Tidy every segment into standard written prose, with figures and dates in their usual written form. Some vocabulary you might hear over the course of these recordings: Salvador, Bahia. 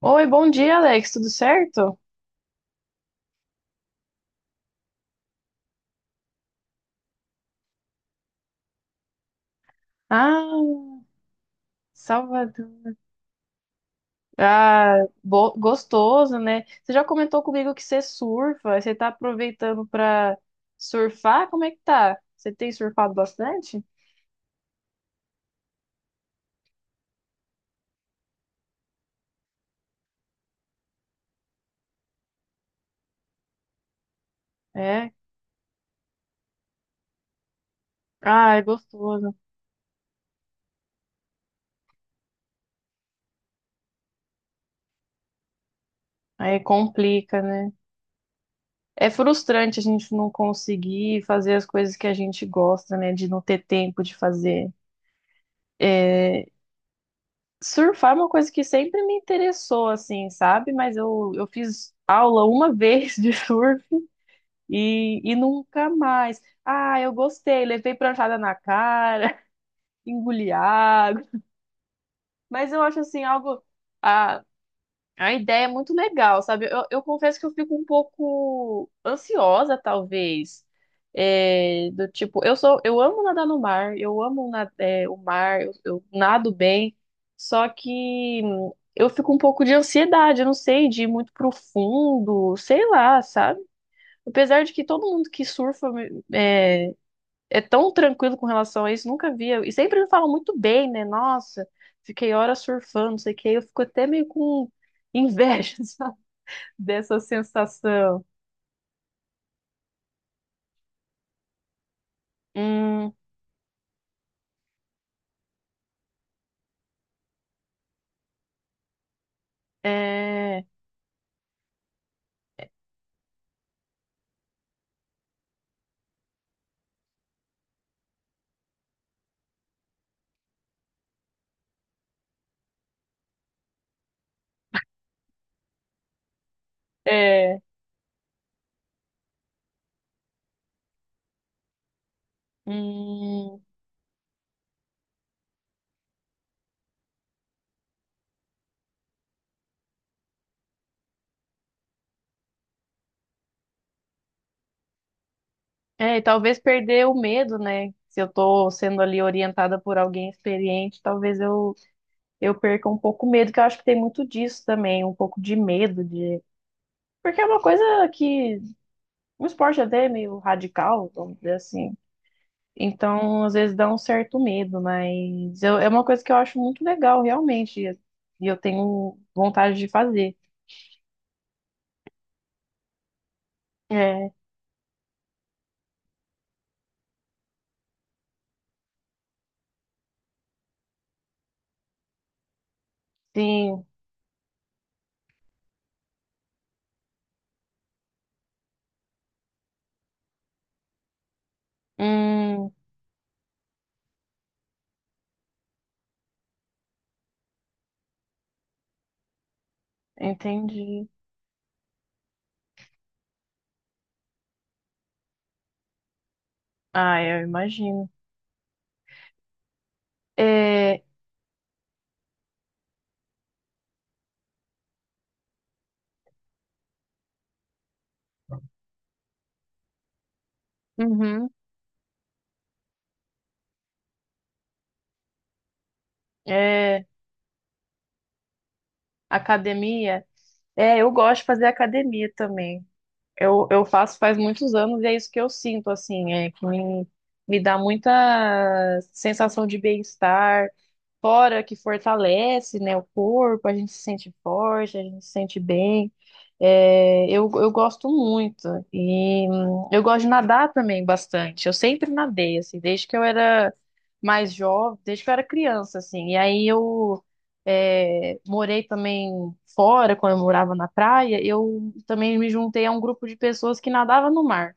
Oi, bom dia, Alex. Tudo certo? Ah, Salvador. Ah, gostoso, né? Você já comentou comigo que você surfa. Você tá aproveitando pra surfar? Como é que tá? Você tem surfado bastante? É. Ah, é gostoso. Aí complica, né? É frustrante a gente não conseguir fazer as coisas que a gente gosta, né? De não ter tempo de fazer. É, surfar é uma coisa que sempre me interessou, assim, sabe? Mas eu fiz aula uma vez de surf e nunca mais. Ah, eu gostei, levei pranchada na cara, engoli água. Mas eu acho, assim, algo. Ah, a ideia é muito legal, sabe? Eu confesso que eu fico um pouco ansiosa, talvez. É, do tipo, eu amo nadar no mar, eu amo é, o mar, eu nado bem, só que eu fico um pouco de ansiedade, eu não sei, de ir muito profundo, sei lá, sabe? Apesar de que todo mundo que surfa é, é tão tranquilo com relação a isso, nunca via. E sempre me falam muito bem, né? Nossa, fiquei horas surfando, não sei o que. Eu fico até meio com inveja, sabe? Dessa sensação. Hum. É. É. Hum. É, e talvez perder o medo, né? Se eu tô sendo ali orientada por alguém experiente, talvez eu perca um pouco o medo, que eu acho que tem muito disso também, um pouco de medo de. Porque é uma coisa que. Um esporte até meio radical, vamos dizer assim. Então, às vezes dá um certo medo, é uma coisa que eu acho muito legal, realmente, e eu tenho vontade de fazer. É, sim. Hum, entendi. Ah, eu imagino. É, uhum, é, academia. É, eu gosto de fazer academia também. Eu faço faz muitos anos e é isso que eu sinto, assim, é que me dá muita sensação de bem-estar. Fora que fortalece, né, o corpo, a gente se sente forte, a gente se sente bem. É, eu gosto muito e eu gosto de nadar também bastante. Eu sempre nadei, assim, desde que eu era mais jovem, desde que eu era criança, assim. E aí eu morei também fora, quando eu morava na praia, eu também me juntei a um grupo de pessoas que nadava no mar.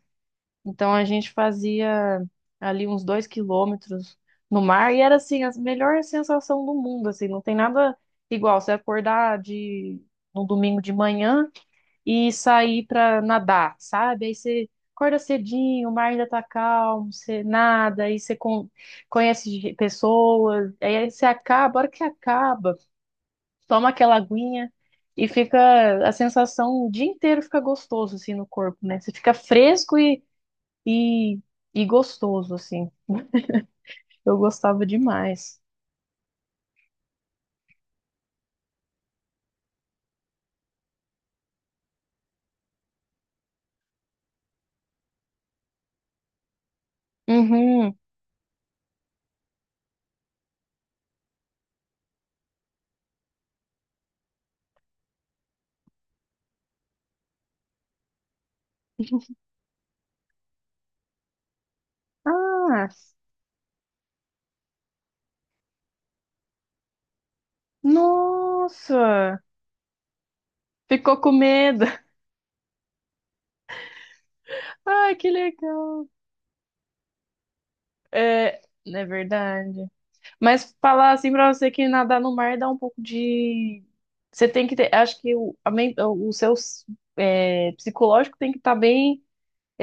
Então a gente fazia ali uns 2 quilômetros no mar e era assim a melhor sensação do mundo, assim, não tem nada igual você acordar de no domingo de manhã e sair para nadar, sabe? Aí você acorda cedinho, o mar ainda tá calmo, você nada, aí você conhece pessoas, aí você acaba, a hora que acaba, toma aquela aguinha e fica a sensação o dia inteiro fica gostoso assim no corpo, né? Você fica fresco e, e gostoso, assim. Eu gostava demais. Uhum. Ah, nossa! Ficou com medo. Ai, que legal. É verdade. Mas falar assim pra você que nadar no mar dá um pouco de. Você tem que ter. Acho que o seu psicológico tem que estar bem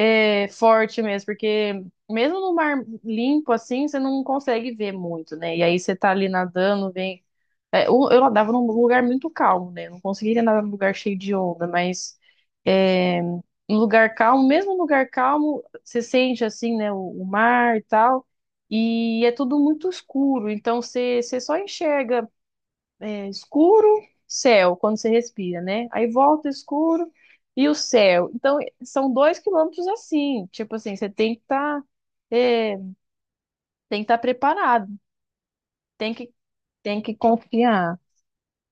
forte mesmo, porque mesmo no mar limpo assim, você não consegue ver muito, né? E aí você tá ali nadando, vem. É, eu nadava num lugar muito calmo, né? Eu não conseguiria nadar num lugar cheio de onda, mas um lugar calmo, mesmo um lugar calmo, você sente assim, né? O mar e tal, e é tudo muito escuro, então você só enxerga escuro, céu, quando você respira, né? Aí volta o escuro e o céu. Então são 2 quilômetros assim, tipo assim, você tem que estar. Tem que estar preparado, tem que, tem que confiar.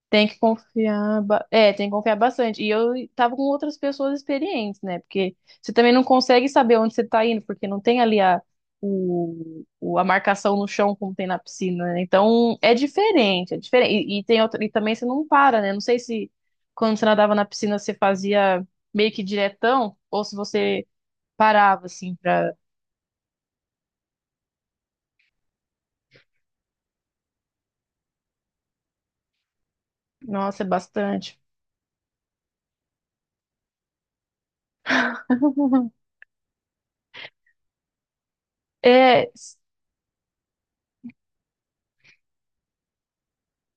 Tem que confiar, é, tem que confiar bastante. E eu tava com outras pessoas experientes, né? Porque você também não consegue saber onde você tá indo, porque não tem ali a marcação no chão como tem na piscina, né? Então é diferente, é diferente. E tem outra, e também você não para, né? Não sei se quando você nadava na piscina você fazia meio que diretão, ou se você parava, assim, pra. Nossa, é bastante. É.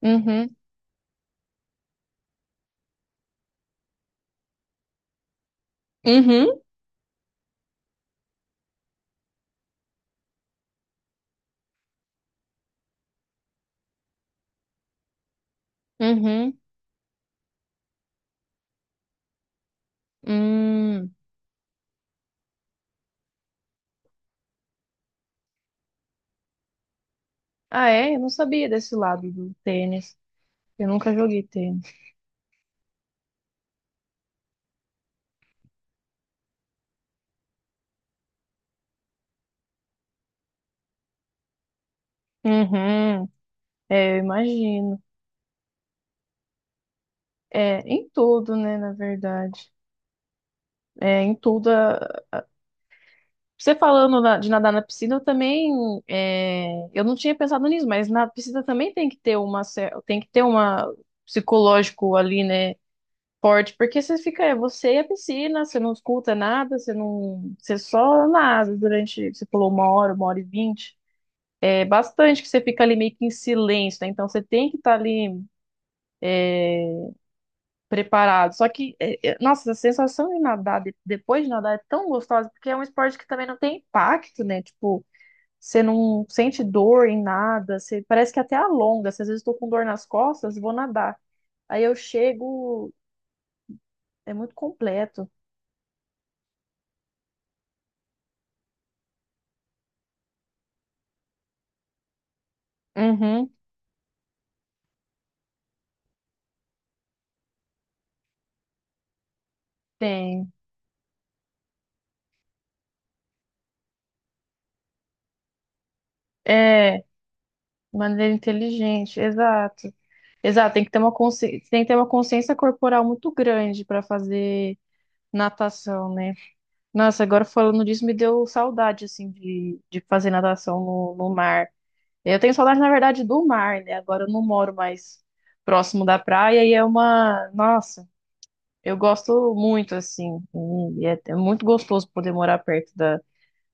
Uhum, uhum, uhum, uhum. Hum. Ah, é? Eu não sabia desse lado do tênis. Eu nunca joguei tênis. Uhum. É, eu imagino. É, em tudo, né, na verdade. É, em tudo. Você falando de nadar na piscina, eu também. É, eu não tinha pensado nisso, mas na piscina também tem que ter uma psicológico ali, né, forte, porque você fica, é você e a piscina, você não escuta nada, você não, você só nada durante, você falou uma hora, 1h20. É bastante que você fica ali meio que em silêncio, né? Então você tem que estar ali preparado. Só que, é, é, nossa, a sensação de nadar, depois de nadar, é tão gostosa, porque é um esporte que também não tem impacto, né? Tipo, você não sente dor em nada, parece que até alonga. Se às vezes estou com dor nas costas, vou nadar. Aí eu chego, é muito completo. Uhum, tem. É, de maneira inteligente, exato. Exato, tem que ter uma consciência, tem que ter uma consciência corporal muito grande para fazer natação, né? Nossa, agora falando disso, me deu saudade, assim, de fazer natação no mar. Eu tenho saudade, na verdade, do mar, né? Agora eu não moro mais próximo da praia e é uma. Nossa, eu gosto muito, assim. É muito gostoso poder morar perto da,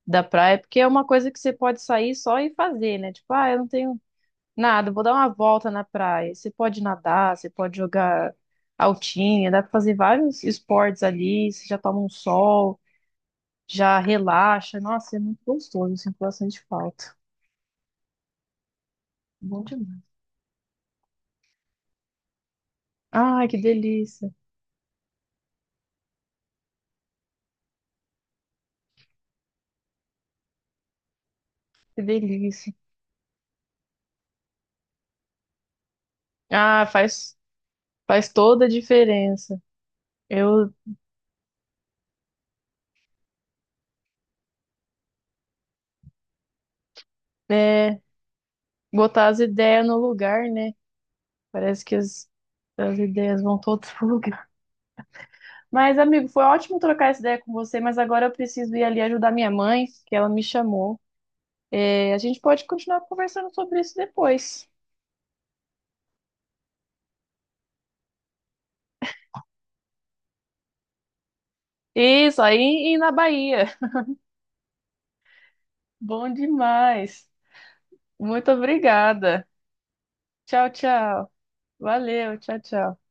da praia, porque é uma coisa que você pode sair só e fazer, né? Tipo, ah, eu não tenho nada, vou dar uma volta na praia. Você pode nadar, você pode jogar altinha, dá pra fazer vários esportes ali, você já toma um sol, já relaxa. Nossa, é muito gostoso, sinto bastante falta. Bom demais. Ai, que delícia, que delícia. Ah, faz toda a diferença. Eu, é, botar as ideias no lugar, né? Parece que as ideias vão todas pro lugar. Mas, amigo, foi ótimo trocar essa ideia com você, mas agora eu preciso ir ali ajudar minha mãe, que ela me chamou. É, a gente pode continuar conversando sobre isso depois. Isso, aí e na Bahia. Bom demais. Muito obrigada. Tchau, tchau. Valeu, tchau, tchau.